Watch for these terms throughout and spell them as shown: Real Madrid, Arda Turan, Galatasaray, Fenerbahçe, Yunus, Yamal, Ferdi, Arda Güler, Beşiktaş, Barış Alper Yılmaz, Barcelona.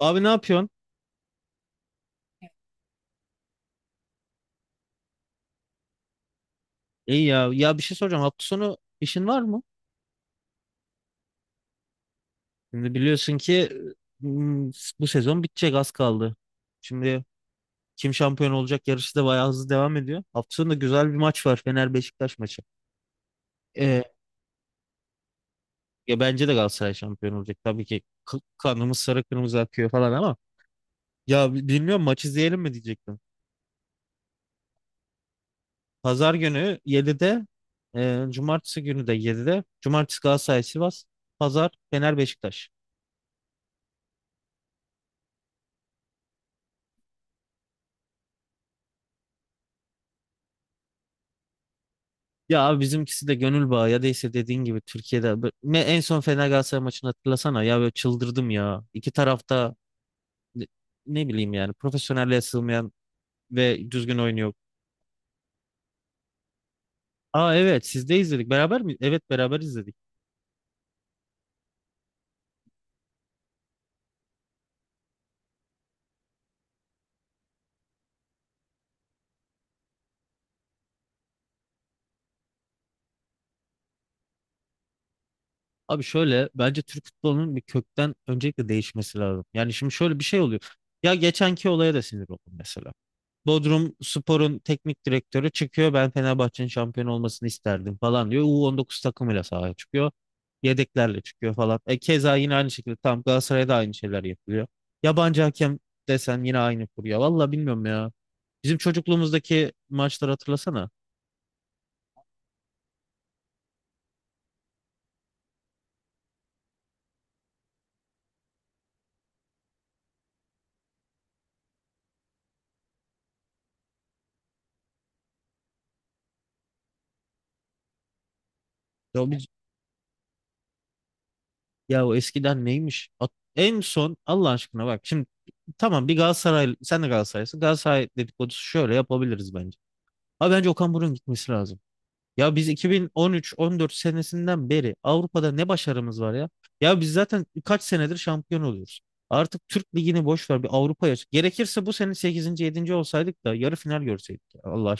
Abi ne yapıyorsun? İyi ya. Ya bir şey soracağım. Hafta sonu işin var mı? Şimdi biliyorsun ki m, bu sezon bitecek az kaldı. Şimdi kim şampiyon olacak yarışı da bayağı hızlı devam ediyor. Hafta sonu da güzel bir maç var. Fener Beşiktaş maçı. Ee, ya bence de Galatasaray şampiyon olacak. Tabii ki kanımız sarı kırmızı akıyor falan ama ya bilmiyorum maç izleyelim mi diyecektim. Pazar günü 7'de cumartesi günü de 7'de. Cumartesi Galatasaray Sivas. Pazar Fener Beşiktaş. Ya abi bizimkisi de gönül bağı ya da işte dediğin gibi Türkiye'de ne en son Fener Galatasaray maçını hatırlasana ya böyle çıldırdım ya. İki tarafta ne ne bileyim yani profesyonelliğe sığmayan ve düzgün oyun yok. Aa evet siz de izledik beraber mi? Evet beraber izledik. Abi şöyle bence Türk futbolunun bir kökten öncelikle değişmesi lazım. Yani şimdi şöyle bir şey oluyor. Ya geçenki olaya da sinir oldum mesela. Bodrum Spor'un teknik direktörü çıkıyor. Ben Fenerbahçe'nin şampiyon olmasını isterdim falan diyor. U19 takımıyla sahaya çıkıyor. Yedeklerle çıkıyor falan. E keza yine aynı şekilde tam Galatasaray'da aynı şeyler yapılıyor. Yabancı hakem desen yine aynı kurya. Valla bilmiyorum ya. Bizim çocukluğumuzdaki maçları hatırlasana. Ya, ya o eskiden neymiş? En son Allah aşkına bak şimdi tamam bir Galatasaray sen de Galatasaraylısın. Galatasaray dedikodusu şöyle yapabiliriz bence. Abi bence Okan Buruk'un gitmesi lazım. Ya biz 2013-14 senesinden beri Avrupa'da ne başarımız var ya? Ya biz zaten kaç senedir şampiyon oluyoruz. Artık Türk Ligi'ni boş ver bir Avrupa'ya. Gerekirse bu sene sekizinci, yedinci olsaydık da yarı final görseydik ya, Allah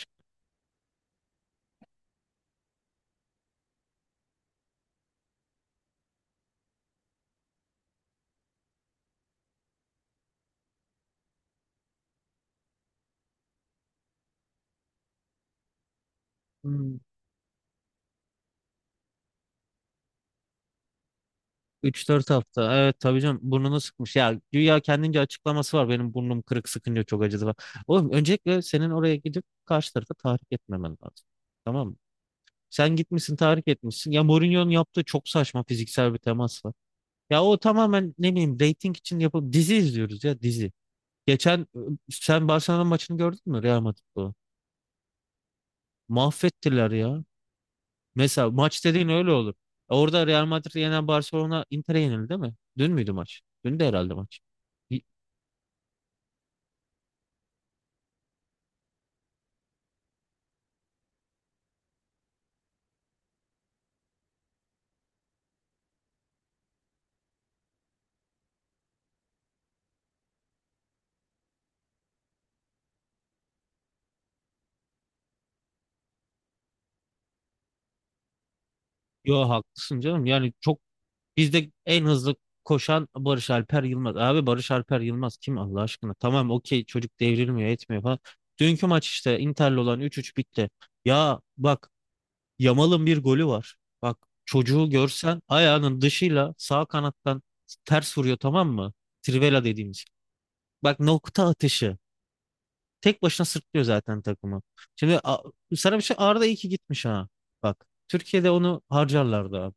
aşkına. Üç dört hafta. Evet tabii canım burnunu sıkmış. Ya güya kendince açıklaması var. Benim burnum kırık sıkınca çok acıdı falan. Oğlum öncelikle senin oraya gidip karşı tarafa tahrik etmemen lazım. Tamam mı? Sen gitmişsin tahrik etmişsin. Ya Mourinho'nun yaptığı çok saçma fiziksel bir temas var. Ya o tamamen ne bileyim reyting için yapıp dizi izliyoruz ya dizi. Geçen sen Barcelona maçını gördün mü Real Madrid'de? Mahvettiler ya. Mesela maç dediğin öyle olur. Orada Real Madrid yenen Barcelona Inter'e yenildi değil mi? Dün müydü maç? Dün de herhalde maç. Y- Yo haklısın canım. Yani çok bizde en hızlı koşan Barış Alper Yılmaz. Abi Barış Alper Yılmaz kim Allah aşkına? Tamam okey çocuk devrilmiyor etmiyor falan. Dünkü maç işte Inter'le olan 3-3 bitti. Ya bak Yamal'ın bir golü var. Bak çocuğu görsen ayağının dışıyla sağ kanattan ters vuruyor tamam mı? Trivela dediğimiz. Bak nokta atışı. Tek başına sırtlıyor zaten takımı. Şimdi sana bir şey Arda iyi ki gitmiş ha. Bak Türkiye'de onu harcarlardı abi.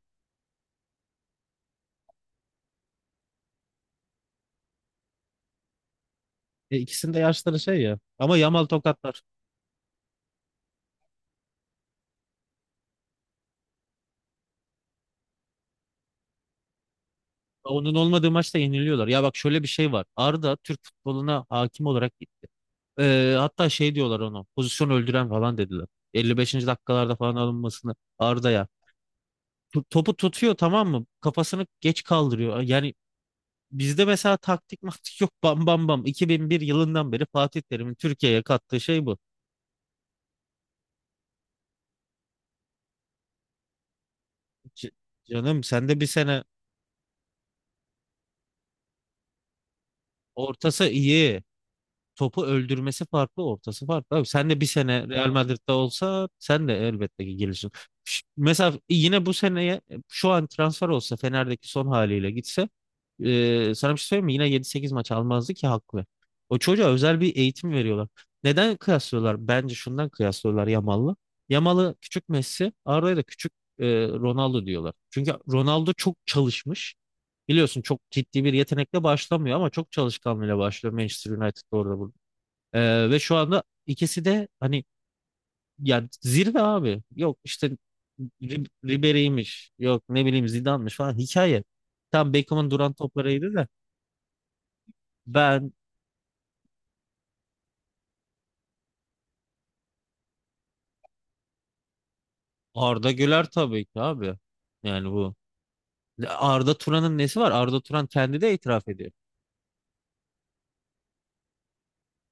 E, ikisinin de yaşları şey ya. Ama Yamal tokatlar. Onun olmadığı maçta yeniliyorlar. Ya bak şöyle bir şey var. Arda Türk futboluna hakim olarak gitti. E, hatta şey diyorlar onu. Pozisyon öldüren falan dediler. 55. dakikalarda falan alınmasını Arda'ya. Topu tutuyor tamam mı? Kafasını geç kaldırıyor. Yani bizde mesela taktik maktik yok bam bam bam. 2001 yılından beri Fatih Terim'in Türkiye'ye kattığı şey bu. C- Canım sen de bir sene ortası iyi. Topu öldürmesi farklı, ortası farklı. Abi sen de bir sene Real Madrid'de olsa sen de elbette ki gelirsin. Mesela yine bu seneye şu an transfer olsa Fener'deki son haliyle gitse sana bir şey söyleyeyim mi? Yine yedi sekiz maç almazdı ki haklı. O çocuğa özel bir eğitim veriyorlar. Neden kıyaslıyorlar? Bence şundan kıyaslıyorlar Yamal'la. Yamal'ı küçük Messi, Arda'ya da küçük Ronaldo diyorlar. Çünkü Ronaldo çok çalışmış. Biliyorsun çok ciddi bir yetenekle başlamıyor ama çok çalışkanlığıyla başlıyor Manchester United'da orada burada. Ve şu anda ikisi de hani yani zirve abi. Yok işte Ribery'miş. Yok ne bileyim Zidane'mış falan hikaye. Tam Beckham'ın duran toplarıydı da ben Arda Güler tabii ki abi. Yani bu Arda Turan'ın nesi var? Arda Turan kendi de itiraf ediyor.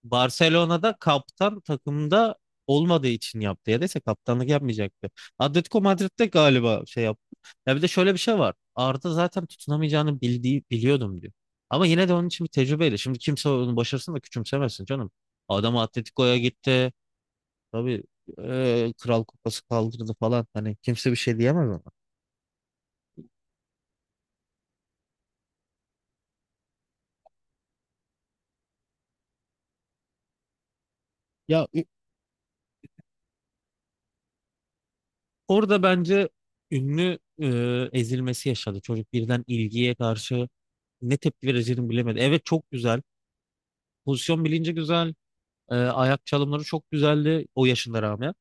Barcelona'da kaptan takımda olmadığı için yaptı. Ya dese kaptanlık yapmayacaktı. Atletico Madrid'de galiba şey yaptı. Ya bir de şöyle bir şey var. Arda zaten tutunamayacağını bildiği, biliyordum diyor. Ama yine de onun için bir tecrübeyle. Şimdi kimse onu başarısın da küçümsemesin canım. Adam Atletico'ya gitti. Tabii Kral Kupası kaldırdı falan. Hani kimse bir şey diyemez ona. Ya orada bence ünlü ezilmesi yaşadı. Çocuk birden ilgiye karşı ne tepki vereceğini bilemedi. Evet çok güzel. Pozisyon bilinci güzel. E, ayak çalımları çok güzeldi o yaşına rağmen.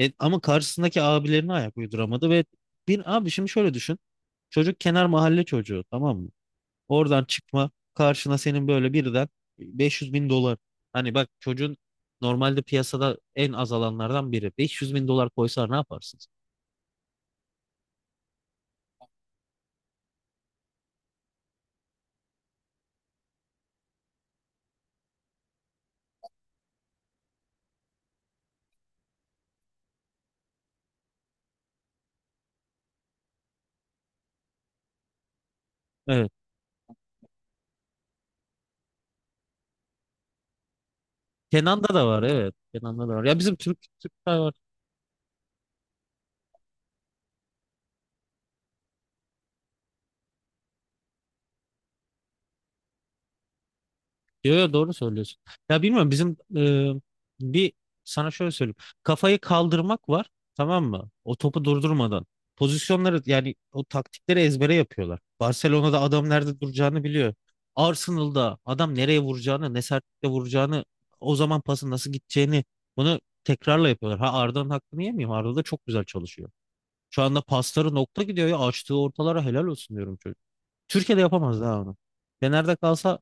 E, ama karşısındaki abilerine ayak uyduramadı ve bir abi şimdi şöyle düşün. Çocuk kenar mahalle çocuğu tamam mı? Oradan çıkma karşına senin böyle birden 500.000 dolar. Hani bak çocuğun normalde piyasada en az alanlardan biri. 500.000 dolar koysalar ne yaparsınız? Evet. Kenan'da da var evet. Kenan'da da var. Ya bizim Türk. Yo, yo, doğru söylüyorsun. Ya bilmiyorum bizim bir sana şöyle söyleyeyim. Kafayı kaldırmak var tamam mı? O topu durdurmadan. Pozisyonları yani o taktikleri ezbere yapıyorlar. Barcelona'da adam nerede duracağını biliyor. Arsenal'da adam nereye vuracağını, ne sertlikle vuracağını, o zaman pasın nasıl gideceğini bunu tekrarla yapıyorlar. Ha Arda'nın hakkını yemeyeyim. Arda da çok güzel çalışıyor. Şu anda pasları nokta gidiyor ya açtığı ortalara helal olsun diyorum çocuk. Türkiye'de yapamaz daha onu. Fener'de kalsa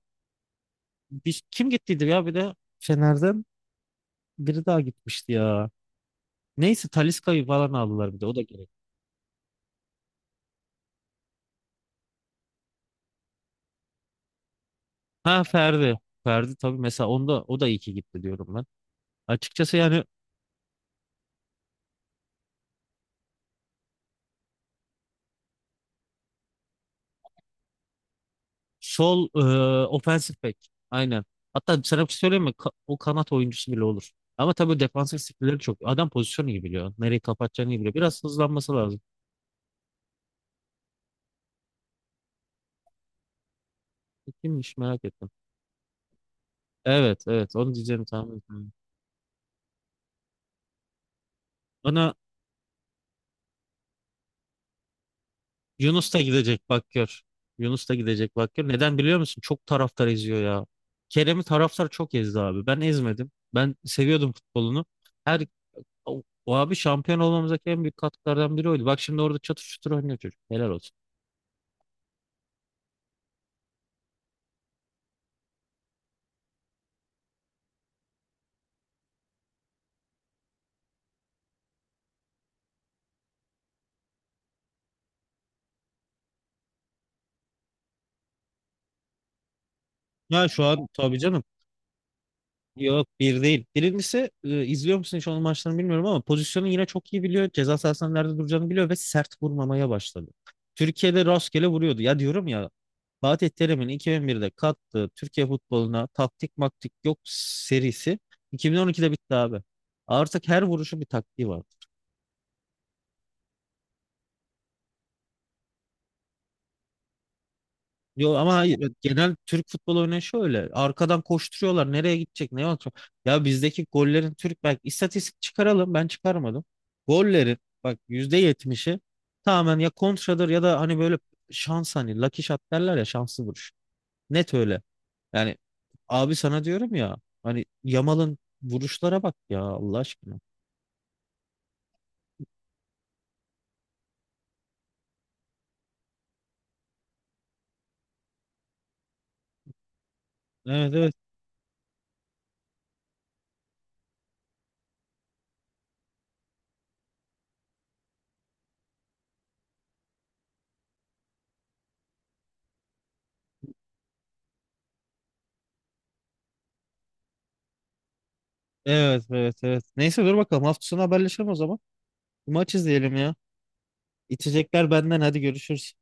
bir, kim gittiydi ya bir de Fener'den biri daha gitmişti ya. Neyse Talisca'yı falan aldılar bir de o da gerek. Ha Ferdi. Ferdi tabii mesela onda o da iyi ki gitti diyorum ben. Açıkçası yani sol offensive back. Aynen. Hatta sana bir şey söyleyeyim mi? O kanat oyuncusu bile olur. Ama tabii defansif skill'leri çok. Adam pozisyonu iyi biliyor. Nereyi kapatacağını iyi biliyor. Biraz hızlanması lazım. E, kimmiş merak ettim. Evet evet onu diyeceğim tahmin ettim. Bana Yunus da gidecek bak gör. Yunus da gidecek bak gör. Neden biliyor musun? Çok taraftar eziyor ya. Kerem'i taraftar çok ezdi abi. Ben ezmedim. Ben seviyordum futbolunu. Her o abi şampiyon olmamızdaki en büyük katkılardan biri oydu. Bak şimdi orada çatır çutur oynuyor çocuk. Helal olsun. Ya şu an tabii canım. Yok bir değil. Birincisi izliyor musun hiç onun maçlarını bilmiyorum ama pozisyonu yine çok iyi biliyor. Ceza sahasının nerede duracağını biliyor ve sert vurmamaya başladı. Türkiye'de rastgele vuruyordu. Ya diyorum ya Fatih Terim'in 2001'de kattığı Türkiye futboluna taktik maktik yok serisi 2012'de bitti abi. Artık her vuruşu bir taktiği var. Yo ama hayır. Evet, genel Türk futbol örneği şöyle. Arkadan koşturuyorlar. Nereye gidecek? Ne olacak? Ya bizdeki gollerin Türk bak istatistik çıkaralım. Ben çıkarmadım. Gollerin bak %70'i tamamen ya kontradır ya da hani böyle şans hani lucky shot derler ya şanslı vuruş. Net öyle. Yani abi sana diyorum ya hani Yamal'ın vuruşlara bak ya Allah aşkına. Evet evet. Evet evet evet. Neyse dur bakalım hafta sonu haberleşelim o zaman. Bir maç izleyelim ya. İçecekler benden, hadi görüşürüz.